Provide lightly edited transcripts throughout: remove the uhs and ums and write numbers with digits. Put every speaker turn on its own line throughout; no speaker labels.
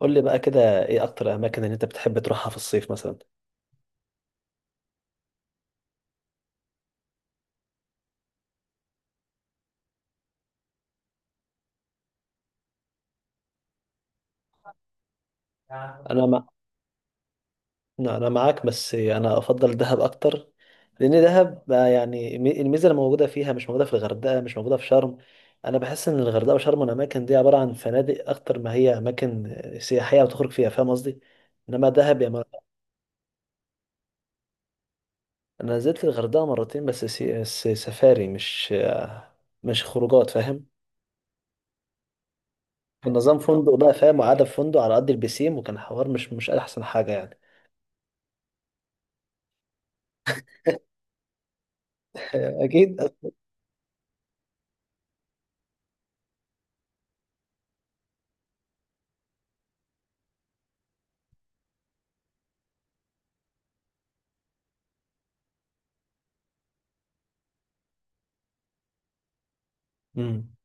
قول لي بقى كده، ايه اكتر اماكن اللي انت بتحب تروحها في الصيف مثلا؟ انا مع... لا، انا معاك، بس انا افضل دهب اكتر. لان دهب بقى يعني الميزه اللي موجوده فيها مش موجوده في الغردقه، مش موجوده في شرم. انا بحس ان الغردقه وشرم الاماكن دي عباره عن فنادق اكتر ما هي اماكن سياحيه وتخرج فيها، فاهم قصدي؟ انما دهب يا مر... انا نزلت الغردقه مرتين بس سفاري، مش خروجات، فاهم؟ كان نظام فندق بقى فاهم، وقعدة في فندق على قد البسيم، وكان حوار مش احسن حاجه يعني. اكيد. امم.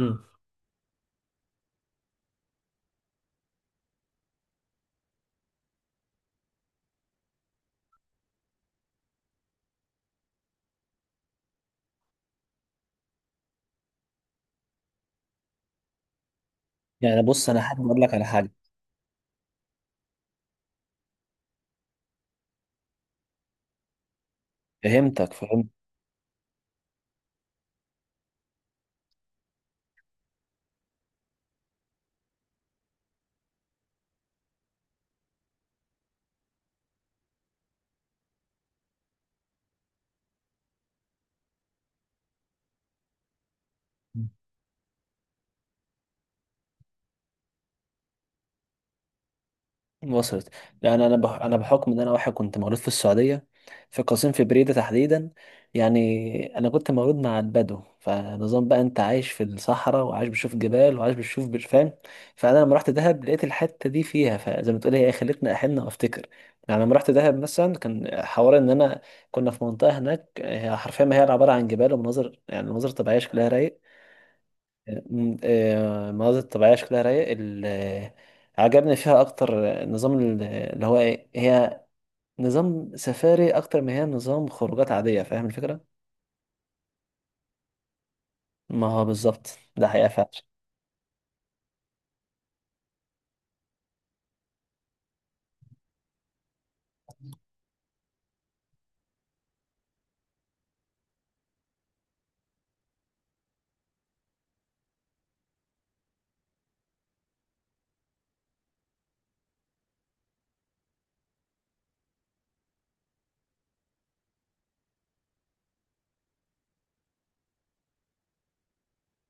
امم. يعني بص انا حابب اقول لك على حاجه. فهمتك، فهمت. وصلت. لان انا بحكم ان انا واحد كنت مولود في السعوديه، في قصيم، في بريده تحديدا. يعني انا كنت مولود مع البدو، فنظام بقى انت عايش في الصحراء، وعايش بتشوف جبال، وعايش فاهم. فانا لما رحت دهب لقيت الحته دي فيها، فزي ما تقول هي خلتني احن وافتكر. يعني لما رحت دهب مثلا كان حوار ان انا كنا في منطقه هناك، هي حرفيا ما هي عباره عن جبال ومناظر، يعني مناظر طبيعيه شكلها رايق. المناظر الطبيعية شكلها رايق. عجبني فيها أكتر نظام ال- آه، اللي هو إيه هي نظام سفاري أكتر ما هي نظام خروجات عادية، فاهم الفكرة؟ ما هو بالظبط ده حقيقة فعلا.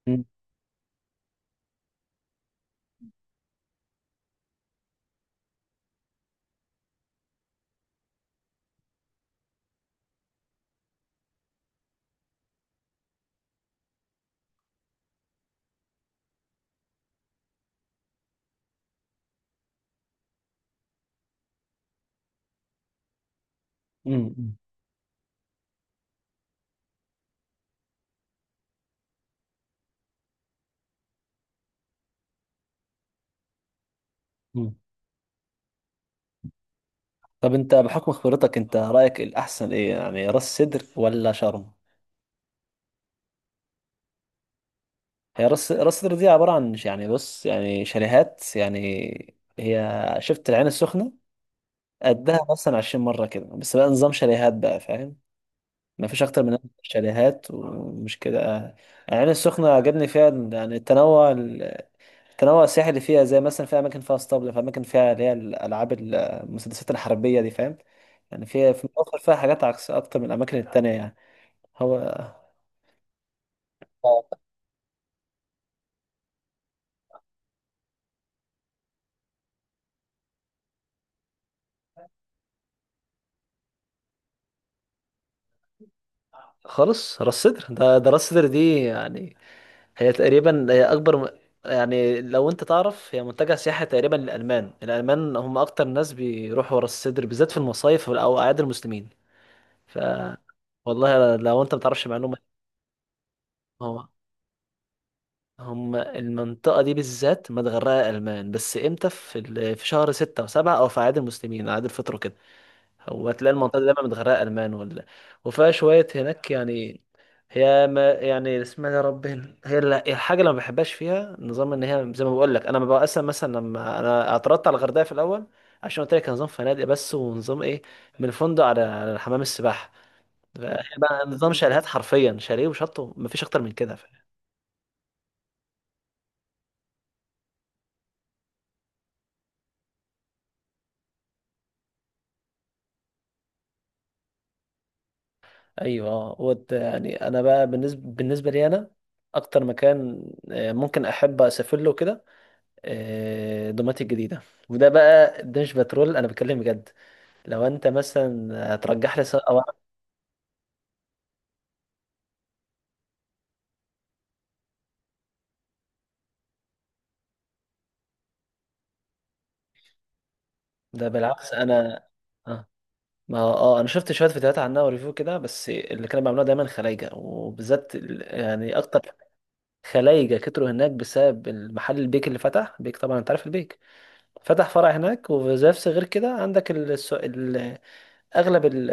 م- م- م- م. طب أنت بحكم خبرتك أنت رأيك الأحسن إيه، يعني راس سدر ولا شرم؟ هي راس سدر دي عبارة عن يعني بص يعني شاليهات يعني. هي شفت العين السخنة، قدها مثلا 20 مرة كده، بس بقى نظام شاليهات بقى فاهم؟ ما فيش اكتر من شاليهات ومش كده العين السخنه عجبني فيها يعني التنوع، التنوع السياحي اللي فيها، زي مثلا في اماكن فيها اسطبل، في اماكن فيها اللي هي الالعاب المسدسات الحربيه دي، فاهم؟ يعني فيها في مصر فيها حاجات عكس اكتر من الاماكن التانية يعني. هو آه، خالص. راس سدر ده راس سدر دي يعني هي تقريبا هي يعني لو انت تعرف هي منتجع سياحي تقريبا للالمان، الالمان هم اكتر ناس بيروحوا راس سدر بالذات في المصايف او اعياد المسلمين. ف والله لو انت ما تعرفش معلومه. هو هم المنطقه دي بالذات متغرقه المان، بس امتى؟ في في شهر ستة وسبعة، او في اعياد المسلمين اعياد الفطر كده. هو تلاقي المنطقه دي دايما متغرقه المان ولا وفيها شويه هناك يعني. هي ما يعني اسمها يا رب هنا. هي الحاجه اللي ما بحبهاش فيها نظام ان هي زي ما بقول لك، انا ببقى اصلا مثلا لما انا اعترضت على الغردقه في الاول عشان قلت لك كان نظام فنادق بس، ونظام ايه، من الفندق على على حمام السباحه، بقى نظام شاليهات حرفيا، شاليه وشط مفيش اكتر من كده، فاهم؟ ايوه اه يعني انا بقى، بالنسبه لي انا، اكتر مكان ممكن احب اسافر له كده دوماتي الجديده. وده بقى ده مش بترول انا بتكلم بجد. لو انت مثلا هترجح لي سواق او ده بالعكس انا اه. ما اه انا شفت شويه فيديوهات عنها وريفيو كده، بس اللي كانوا بيعملوها دايما خلايجه، وبالذات يعني اكتر خلايجه كتروا هناك بسبب المحل البيك اللي فتح، بيك طبعا انت عارف البيك، فتح فرع هناك، وفي نفس غير كده عندك ال... الس- ال... اغلب ال...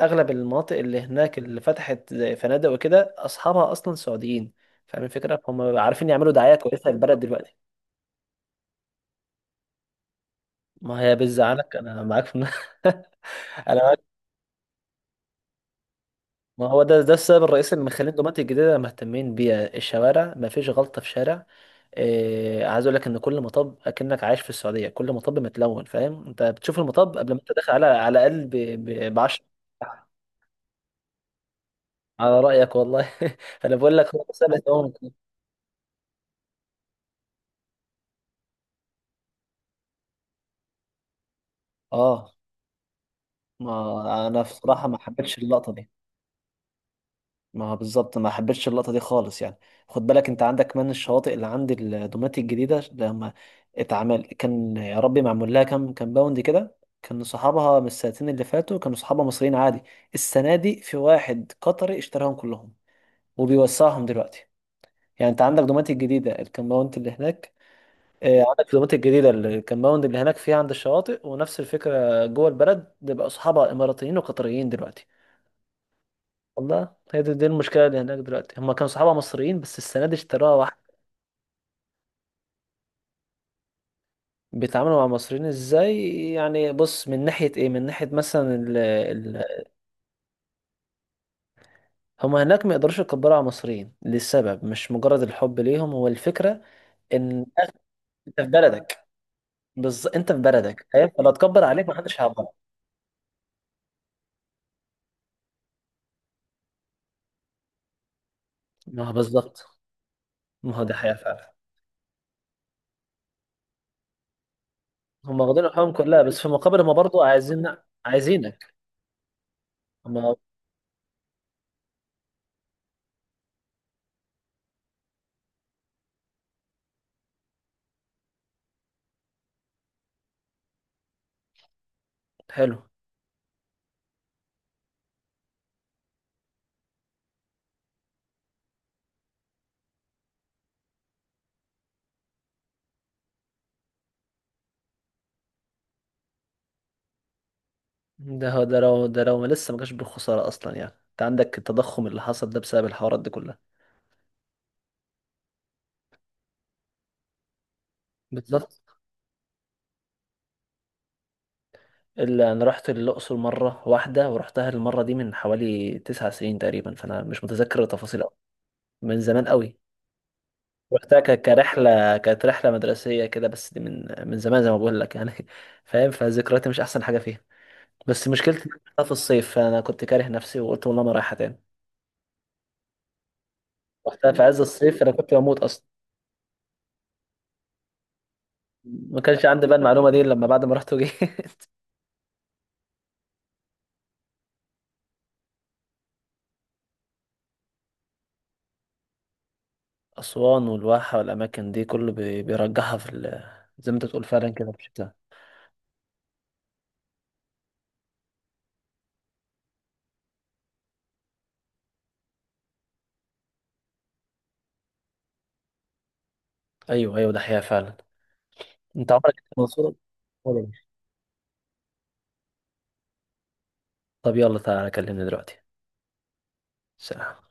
اغلب المناطق اللي هناك اللي فتحت زي فنادق وكده اصحابها اصلا سعوديين، فاهم الفكره؟ هم عارفين يعملوا دعايه كويسه للبلد دلوقتي. ما هي بتزعلك، انا معاك انا معاك. ما هو ده ده السبب الرئيسي اللي مخلين الدومات الجديده مهتمين بيها، الشوارع ما فيش غلطه في شارع. إيه عايز اقول لك ان كل مطب اكنك عايش في السعوديه، كل مطب متلون، فاهم؟ انت بتشوف المطب قبل ما انت داخل على على الاقل ب 10. على رأيك والله. انا بقول لك هو مسألة عمر. اه ما انا بصراحة ما حبيتش اللقطة دي. ما بالظبط ما حبيتش اللقطة دي خالص يعني. خد بالك انت عندك كمان الشواطئ اللي عند الدومات الجديدة، لما اتعمل كان يا ربي معمول لها كام باوند كده. كان صحابها من السنتين اللي فاتوا كانوا صحابها مصريين عادي، السنة دي في واحد قطري اشتراهم كلهم وبيوسعهم دلوقتي. يعني انت عندك دوماتي الجديدة الكامباوند اللي هناك، عندك في دومات الجديدة الكمباوند اللي هناك فيها عند الشواطئ، ونفس الفكرة جوه البلد بيبقى أصحابها إماراتيين وقطريين دلوقتي. والله هي دي المشكلة اللي هناك دلوقتي، هما كانوا صحابها مصريين بس السنة دي اشتروها واحد. بيتعاملوا مع المصريين ازاي يعني؟ بص من ناحية ايه، من ناحية مثلا ال هما هناك ما يقدروش يكبروا على المصريين لسبب مش مجرد الحب ليهم، هو الفكرة ان انت في بلدك. بالظبط انت في بلدك، أيوة، فلو تكبر عليك محدش هيعبرك. ما هو بالظبط. ما هو ده حقيقة فعلا. هم واخدين الحقوق كلها بس في مقابل هم برضو عايزين عايزينك. هم حلو. ده هو ده لو ده لو ما لسه ما جاش بالخسارة أصلا، يعني أنت عندك التضخم اللي حصل ده بسبب الحوارات دي كلها. بالظبط. اللي أنا رحت الأقصر مرة واحدة، ورحتها المرة دي من حوالي تسع سنين تقريبا، فأنا مش متذكر التفاصيل أوي، من زمان قوي. رحتها كرحلة، كانت رحلة مدرسية كده، بس دي من زمان زي ما بقول لك يعني فاهم، فذكرياتي مش أحسن حاجة فيها. بس مشكلتي إنها في الصيف، فأنا كنت كاره نفسي وقلت والله ما رايحة تاني. رحتها في عز الصيف انا كنت بموت اصلا. ما كانش عندي بقى المعلومه دي إلا لما بعد ما رحت وجيت. اسوان والواحه والاماكن دي كله بيرجحها في زي ما انت بتقول فعلا كده في الشتاء. ايوه ايوه ده حقيقه فعلا. انت عمرك كنت منصوره؟ طب يلا تعالى كلمني دلوقتي. سلام.